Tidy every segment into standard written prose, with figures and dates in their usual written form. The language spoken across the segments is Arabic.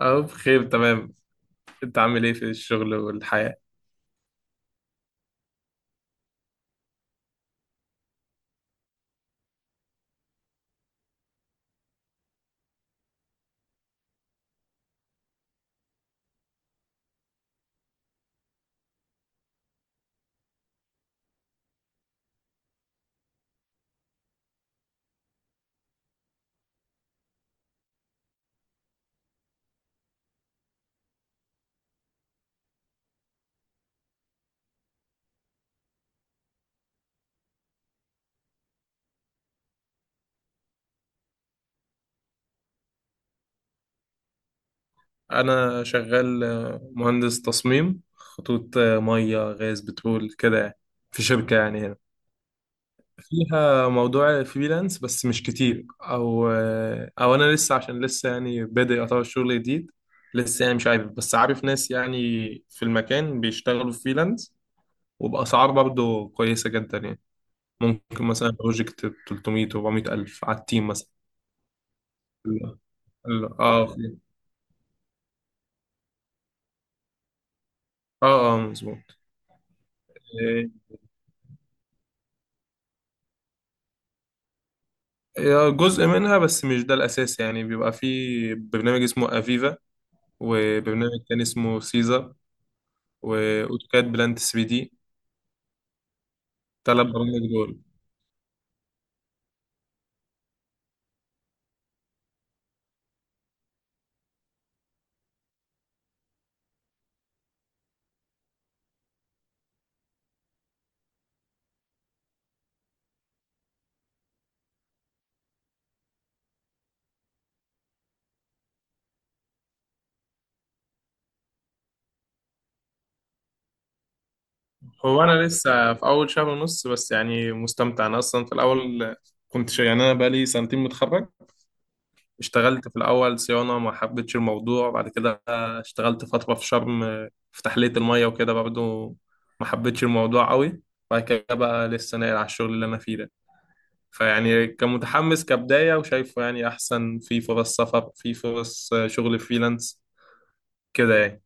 اه بخير تمام. انت عامل ايه في الشغل والحياة؟ انا شغال، مهندس تصميم خطوط، مية غاز بترول كده يعني. في شركة يعني هنا، فيها موضوع فريلانس بس مش كتير، او انا لسه، عشان لسه يعني بادئ اطور شغل جديد. لسه يعني مش عارف بس عارف ناس يعني في المكان بيشتغلوا فريلانس، وبأسعار برضه كويسة جدا يعني. ممكن مثلا بروجكت 300 400 ألف على التيم مثلا. ال- اه، اه، اه، مظبوط. جزء منها بس مش ده الأساس، يعني بيبقى في برنامج اسمه أفيفا، وبرنامج تاني اسمه سيزا، وأوتوكاد بلانت 3 دي. تلات برامج دول. هو أنا لسه في أول شهر ونص، بس يعني مستمتع. أنا أصلا في الأول يعني أنا بقالي سنتين متخرج. اشتغلت في الأول صيانة، ما حبيتش الموضوع. بعد كده اشتغلت فترة في شرم، في تحلية المية وكده برضه، ما حبيتش الموضوع قوي. بعد كده بقى لسه ناقل على الشغل اللي أنا فيه ده. فيعني كمتحمس كبداية، وشايفه يعني أحسن في فرص سفر، في فرص شغل فريلانس كده يعني.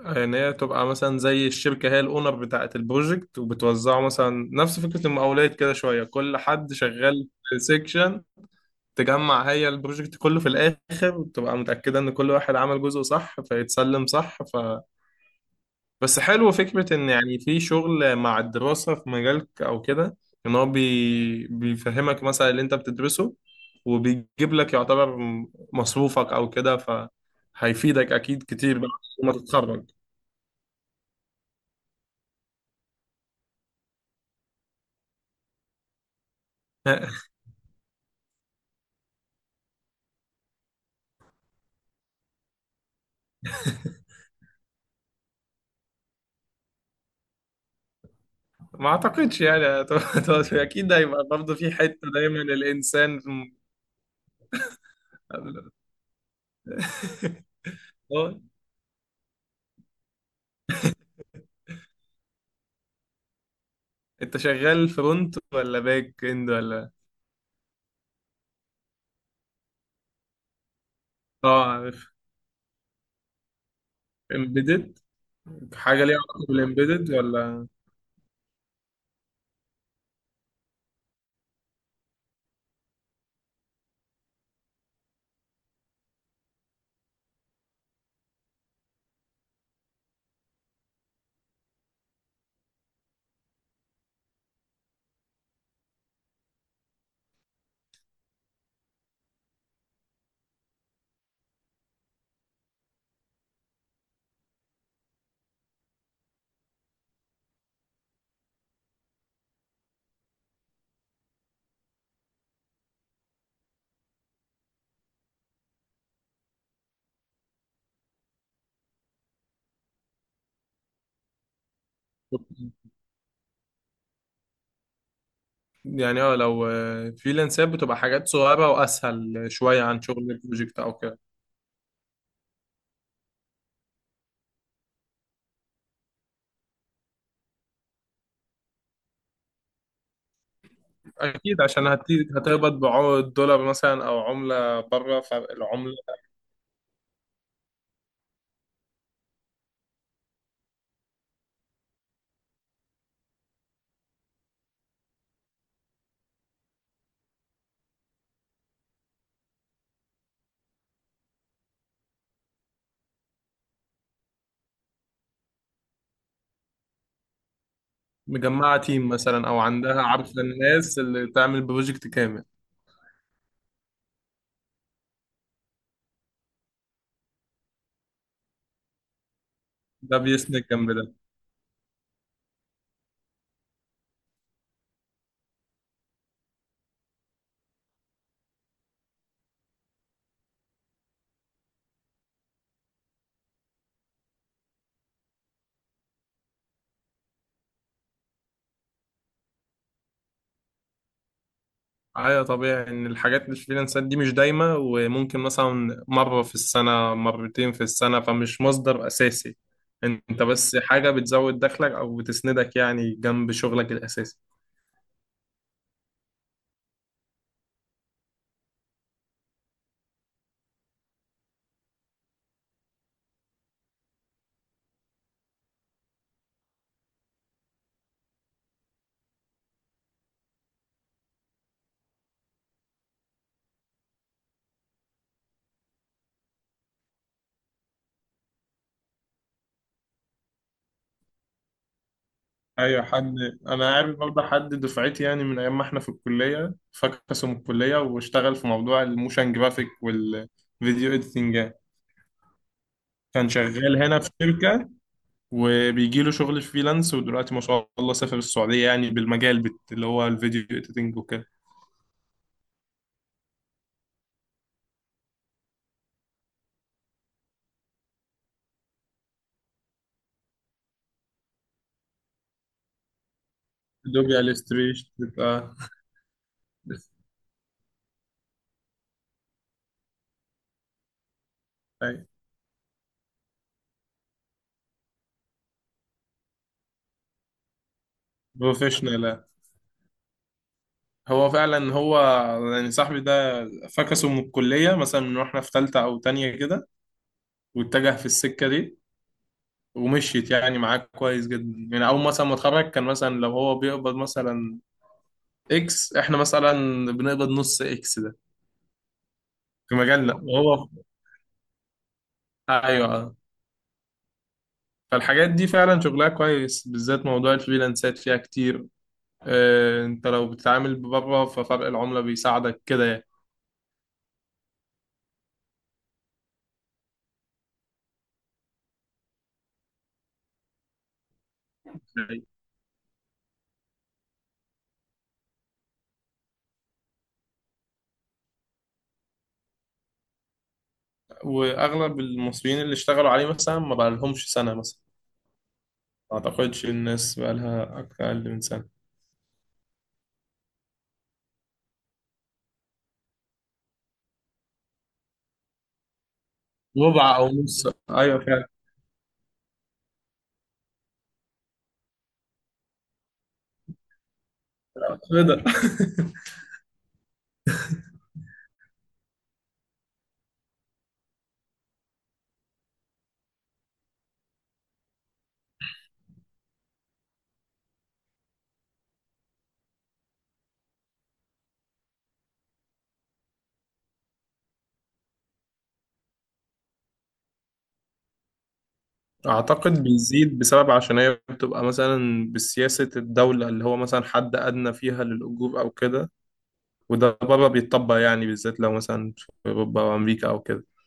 إن هي تبقى مثلا زي الشركة، هي الأونر بتاعة البروجكت وبتوزعه، مثلا نفس فكرة المقاولات كده شوية، كل حد شغال في سيكشن، تجمع هي البروجكت كله في الآخر وتبقى متأكدة إن كل واحد عمل جزء صح فيتسلم صح. بس حلو فكرة إن يعني في شغل مع الدراسة في مجالك أو كده. إن هو بيفهمك مثلا اللي أنت بتدرسه، وبيجيب لك يعتبر مصروفك أو كده، فهيفيدك أكيد كتير بقى لما تتخرج. ما أعتقدش يعني. أكيد هيبقى برضه في حتة دايما الإنسان. هو أنت شغال فرونت ولا باك إند ولا؟ آه عارف. إمبيدد؟ حاجة ليها علاقة بالإمبيدد ولا؟ يعني اه، لو فريلانسات بتبقى حاجات صغيرة وأسهل شوية عن شغل البروجكت أو كده. أكيد عشان هتقبض بالدولار مثلا أو عملة بره، فرق العملة. مجمعة تيم مثلا، أو عندها عارفة الناس اللي تعمل بروجكت كامل. ده بيسند جنب ده. أيوة، طبيعي إن الحاجات الفريلانسات دي مش دايمة، وممكن مثلا مرة في السنة، مرتين في السنة، فمش مصدر أساسي. أنت بس حاجة بتزود دخلك أو بتسندك يعني جنب شغلك الأساسي. ايوه حد. انا عارف برضه حد دفعتي، يعني من ايام ما احنا في الكليه، فكسوا من الكليه واشتغل في موضوع الموشن جرافيك والفيديو اديتنج يعني. كان شغال هنا في شركه، وبيجي له شغل فريلانس، ودلوقتي ما شاء الله سافر السعوديه، يعني بالمجال اللي هو الفيديو اديتنج وكده. ادوبي الستريشن بتبقى. بروفيشنال. هو فعلا هو يعني صاحبي ده فكسه من الكليه، مثلا من واحنا في ثالثه او تانية كده، واتجه في السكه دي، ومشيت يعني معاك كويس جدا، يعني اول مثلا ما اتخرج كان مثلا لو هو بيقبض مثلا اكس، احنا مثلا بنقبض نص اكس ده. في مجالنا وهو، ايوه. فالحاجات دي فعلا شغلها كويس، بالذات موضوع الفريلانسات فيها كتير. اه انت لو بتتعامل بره ففرق العملة بيساعدك كده يعني. واغلب المصريين اللي اشتغلوا عليه مثلا ما بقى لهمش سنة مثلا. ما اعتقدش الناس بقى لها اقل من سنة. ربع او نص. ايوه فعلا. ايه ده؟ أعتقد بيزيد، بسبب عشان هي بتبقى مثلا بسياسة الدولة، اللي هو مثلا حد أدنى فيها للأجور أو كده، وده بره بيتطبق، يعني بالذات لو مثلا في أوروبا أو أمريكا أو كده.